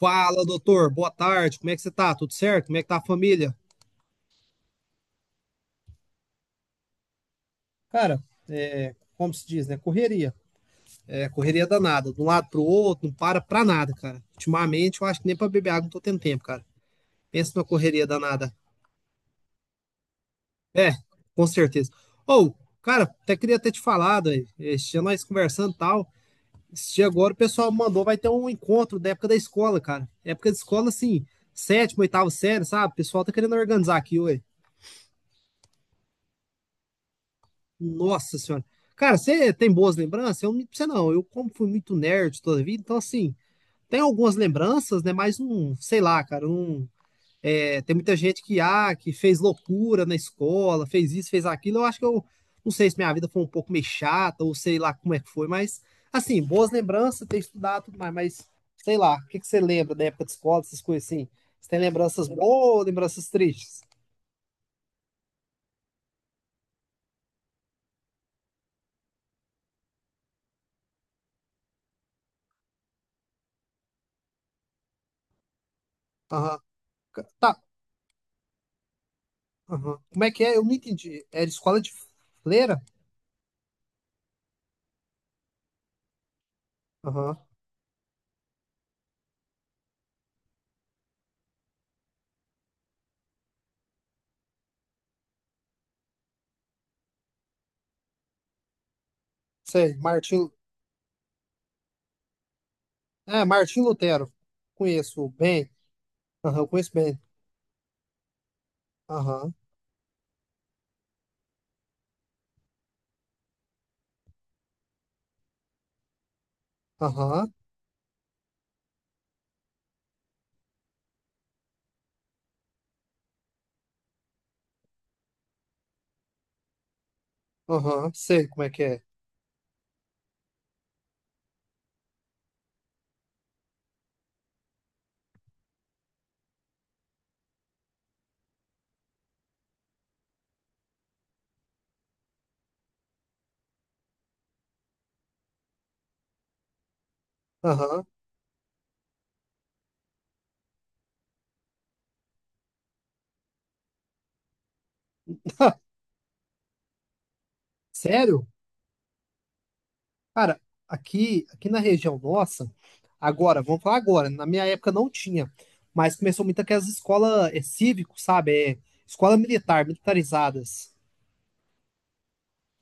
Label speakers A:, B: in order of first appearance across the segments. A: Fala, doutor. Boa tarde. Como é que você tá? Tudo certo? Como é que tá a família? Cara, é, como se diz, né? Correria. É, correria danada. De um lado pro outro, não para pra nada, cara. Ultimamente, eu acho que nem pra beber água não tô tendo tempo, cara. Pensa numa correria danada. É, com certeza. Ou, cara, até queria ter te falado aí. Esse dia nós conversando e tal. Esse dia agora o pessoal mandou, vai ter um encontro da época da escola, cara. Época de escola, assim, sétima, oitava série, sabe? O pessoal tá querendo organizar aqui, ué. Nossa senhora. Cara, você tem boas lembranças? Eu não minto você não. Eu, como fui muito nerd toda a vida, então assim, tem algumas lembranças, né? Mas não, sei lá, cara, não. É, tem muita gente que, ah, que fez loucura na escola, fez isso, fez aquilo. Eu acho que eu não sei se minha vida foi um pouco meio chata, ou sei lá como é que foi, mas assim, boas lembranças, ter estudado e tudo mais, mas sei lá, o que que você lembra da época de escola, essas coisas assim? Você tem lembranças boas ou lembranças tristes? Aham. Tá. Aham. Como é que é? Eu não entendi. Era escola de freira? Aham. Sei, Martim. É, Martim Lutero. Conheço bem. Aham, conheço bem. Aham, aham, aham. Sei como é que é. Aham. Sério? Cara, aqui na região nossa, agora, vamos falar agora, na minha época não tinha, mas começou muito aquelas escolas é, cívico, sabe? É, escola militar, militarizadas.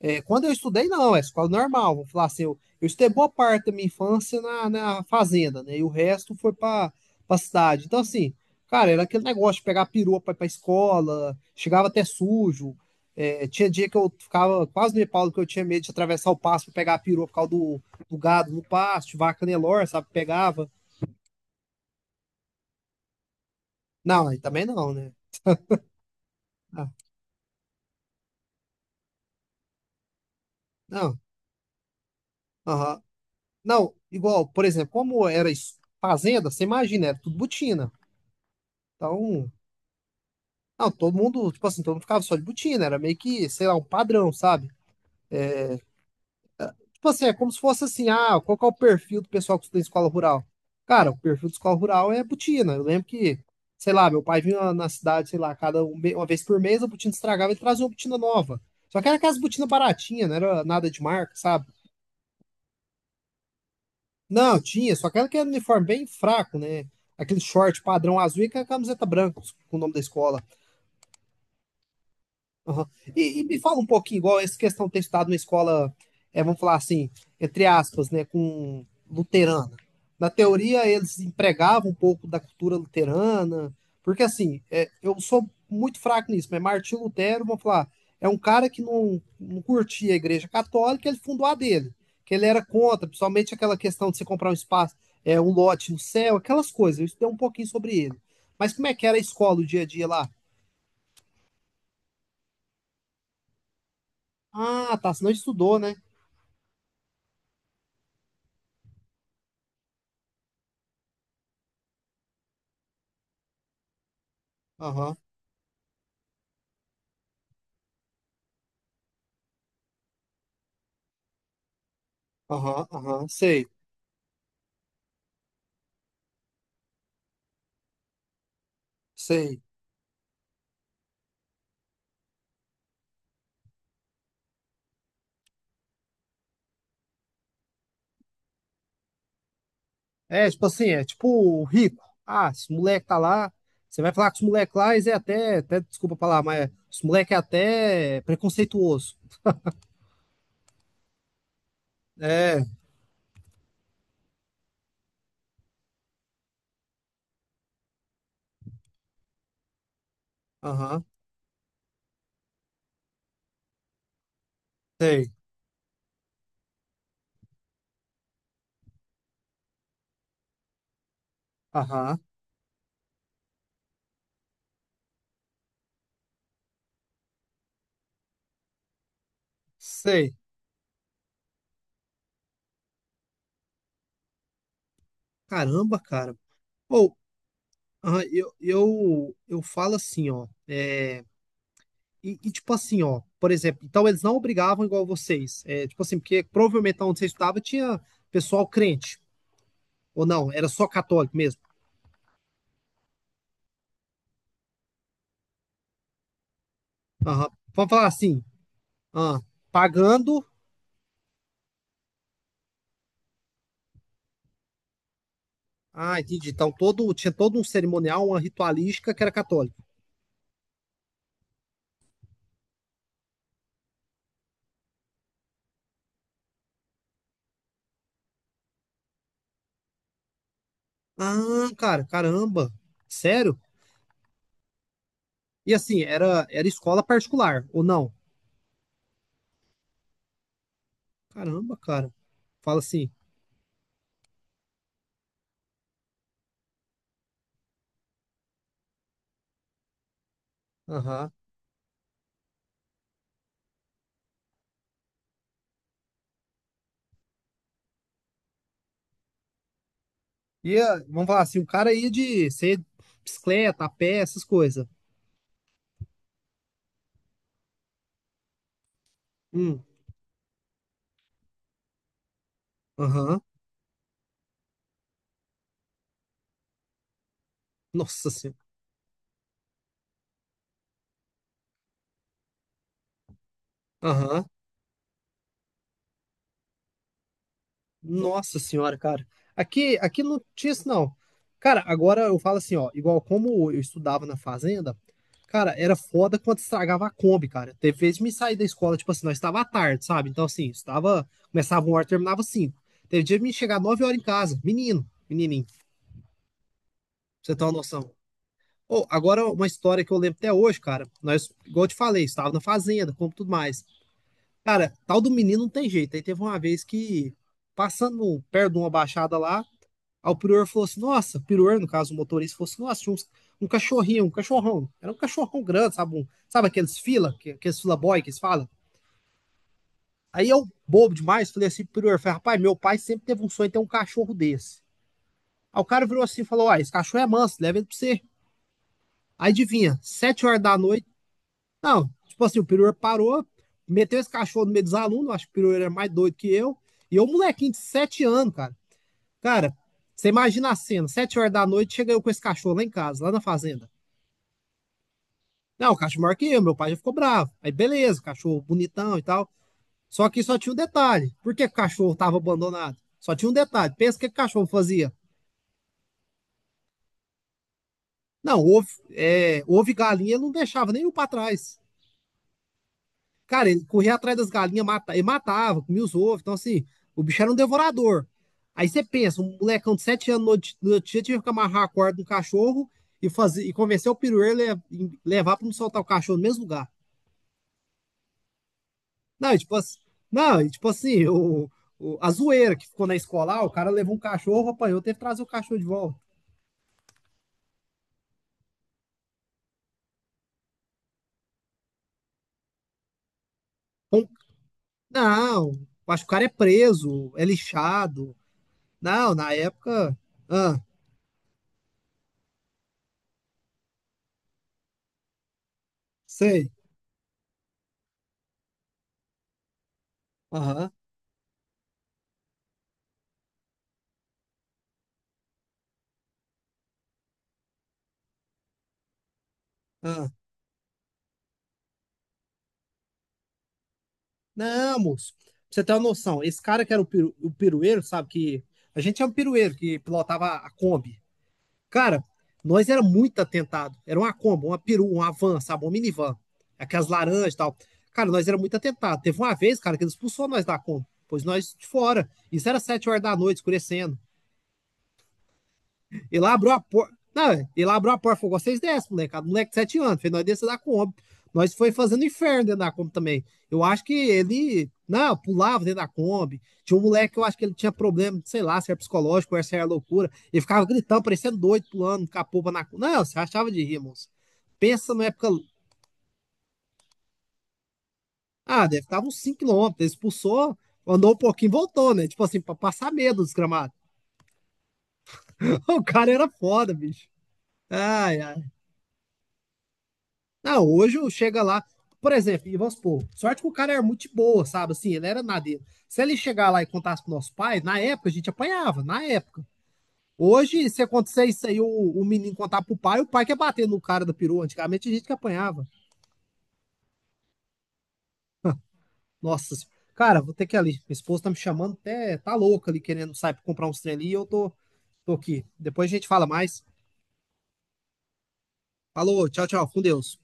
A: É, quando eu estudei, não, é escola normal. Vou falar assim, eu estudei boa parte da minha infância na, na fazenda, né? E o resto foi pra cidade. Então, assim, cara, era aquele negócio de pegar perua pra ir pra escola, chegava até sujo. É, tinha dia que eu ficava quase no Paulo, que eu tinha medo de atravessar o pasto pra pegar a perua por causa do gado no pasto, vaca Nelor, sabe? Pegava. Não, aí também não, né? Ah, não, aham. Não, igual, por exemplo, como era fazenda, você imagina, era tudo botina. Então, não, todo mundo, tipo assim, todo mundo ficava só de botina, era meio que, sei lá, um padrão, sabe? Tipo assim, é como se fosse assim, ah, qual que é o perfil do pessoal que estuda em escola rural? Cara, o perfil de escola rural é botina. Eu lembro que, sei lá, meu pai vinha na cidade, sei lá, cada um uma vez por mês a botina estragava e trazia uma botina nova. Só que era aquelas botinas baratinhas, não era nada de marca, sabe? Não, tinha, só aquela que era uniforme bem fraco, né? Aquele short padrão azul e com a camiseta branca com o nome da escola. Aham. E me fala um pouquinho, igual essa questão de ter estudado numa escola, é, vamos falar assim, entre aspas, né, com luterana. Na teoria, eles empregavam um pouco da cultura luterana, porque assim, é, eu sou muito fraco nisso, mas Martinho Lutero, vamos falar, é um cara que não, não curtia a igreja católica, ele fundou a dele, que ele era contra, principalmente aquela questão de você comprar um espaço, é, um lote no céu, aquelas coisas. Eu estudei um pouquinho sobre ele. Mas como é que era a escola, o dia a dia lá? Ah, tá, você não estudou, né? Aham, aham, aham, sei, sei. É, tipo assim, é tipo o rico. Ah, esse moleque tá lá, você vai falar que os moleques lá, eles é até, até, desculpa falar, mas os moleque é até preconceituoso. É, aham, sei, aham, sei. Caramba, cara. Ou, aham, eu falo assim, ó, é, e tipo assim, ó, por exemplo, então eles não obrigavam igual vocês. É, tipo assim, porque provavelmente onde você estudava tinha pessoal crente, ou não, era só católico mesmo. Aham. Vamos falar assim, ah, pagando. Ah, entendi. Então todo, tinha todo um cerimonial, uma ritualística que era católica. Ah, cara, caramba. Sério? E assim, era escola particular, ou não? Caramba, cara. Fala assim. Aham. E ah, vamos falar assim, o cara ia de ser bicicleta, a pé, essas coisas. Hum. Aham. Nossa senhora. Aham. Nossa senhora, cara. Aqui não tinha isso, não. Cara, agora eu falo assim, ó, igual como eu estudava na fazenda, cara, era foda quando estragava a Kombi, cara. Teve vezes que me sair da escola, tipo assim, nós estava à tarde, sabe? Então, assim, estava, começava uma hora, terminava cinco. Teve dia de me chegar nove horas em casa, menino, menininho, pra você ter uma noção. Ô, agora uma história que eu lembro até hoje, cara. Nós, igual eu te falei, estava na fazenda, como tudo mais. Cara, tal do menino não tem jeito. Aí teve uma vez que, passando perto de uma baixada lá, aí o prior falou assim: nossa, o prior, no caso, o motorista falou assim: nossa, tinha um cachorrinho, um cachorrão. Era um cachorrão grande, sabe? Um, sabe aqueles fila, aqueles fila boy que eles falam? Aí eu, bobo demais, falei assim: pro prior, falei, rapaz, meu pai sempre teve um sonho de ter um cachorro desse. Aí o cara virou assim e falou: ó, esse cachorro é manso, leva ele pra você. Aí adivinha, sete horas da noite. Não, tipo assim, o prior parou, meteu esse cachorro no meio dos alunos, acho que o prior era mais doido que eu. E eu, molequinho de sete anos, cara. Cara, você imagina a cena, sete horas da noite, chega eu com esse cachorro lá em casa, lá na fazenda. Não, o cachorro maior que eu, meu pai já ficou bravo. Aí beleza, cachorro bonitão e tal. Só que só tinha um detalhe. Por que o cachorro tava abandonado? Só tinha um detalhe. Pensa o que o cachorro fazia. Não, ovo, é, ovo e galinha ele não deixava nenhum para trás. Cara, ele corria atrás das galinhas, mata, ele matava, comia os ovos. Então, assim, o bicho era um devorador. Aí você pensa, um molecão de 7 anos no outro dia tinha que amarrar a corda no cachorro e, fazer, e convencer o pirueiro a levar para não soltar o cachorro no mesmo lugar. Não, e tipo assim, não, e tipo assim, o, a zoeira que ficou na escola, ah, o cara levou um cachorro, apanhou, teve que trazer o cachorro de volta. Um- não, acho que o cara é preso, é lixado. Não, na época. Ah, sei. Aham. Ah. Não, moço. Pra você ter uma noção, esse cara que era o, peru o pirueiro, sabe? Que a gente é um pirueiro que pilotava a Kombi. Cara, nós era muito atentado. Era uma combo, uma peru, uma van, sabe? Uma minivan. Aquelas laranjas e tal. Cara, nós era muito atentado. Teve uma vez, cara, que ele expulsou nós da combo. Pois nós de fora. Isso era sete horas da noite, escurecendo. E lá abriu a porta. Não, ele abriu a porta e falou: vocês descem, molecada. Moleque de 7 anos. Fez nós descer da Kombi. Nós foi fazendo inferno dentro da Kombi também. Eu acho que ele. Não, pulava dentro da Kombi. Tinha um moleque que eu acho que ele tinha problema, sei lá, se era psicológico, ou se era loucura. Ele ficava gritando, parecendo doido, pulando, capoba na Kombi. Não, você achava de rir, moço. Pensa na época. Ah, deve estar uns cinco quilômetros. Ele expulsou, andou um pouquinho e voltou, né? Tipo assim, pra passar medo dos gramados. o cara era foda, bicho. Ai, ai. Não, hoje eu chega lá, por exemplo, e vamos supor, sorte que o cara era muito boa, sabe? Assim, ele era nadeiro. Se ele chegar lá e contasse pro nosso pai, na época a gente apanhava, na época. Hoje, se acontecer isso aí, o menino contar pro pai, o pai quer bater no cara da perua. Antigamente a gente que apanhava. Nossa, cara, vou ter que ir ali. Minha esposa tá me chamando, até tá louca ali, querendo sair pra comprar uns trem ali, e eu tô, tô aqui. Depois a gente fala mais. Falou, tchau, tchau, com Deus.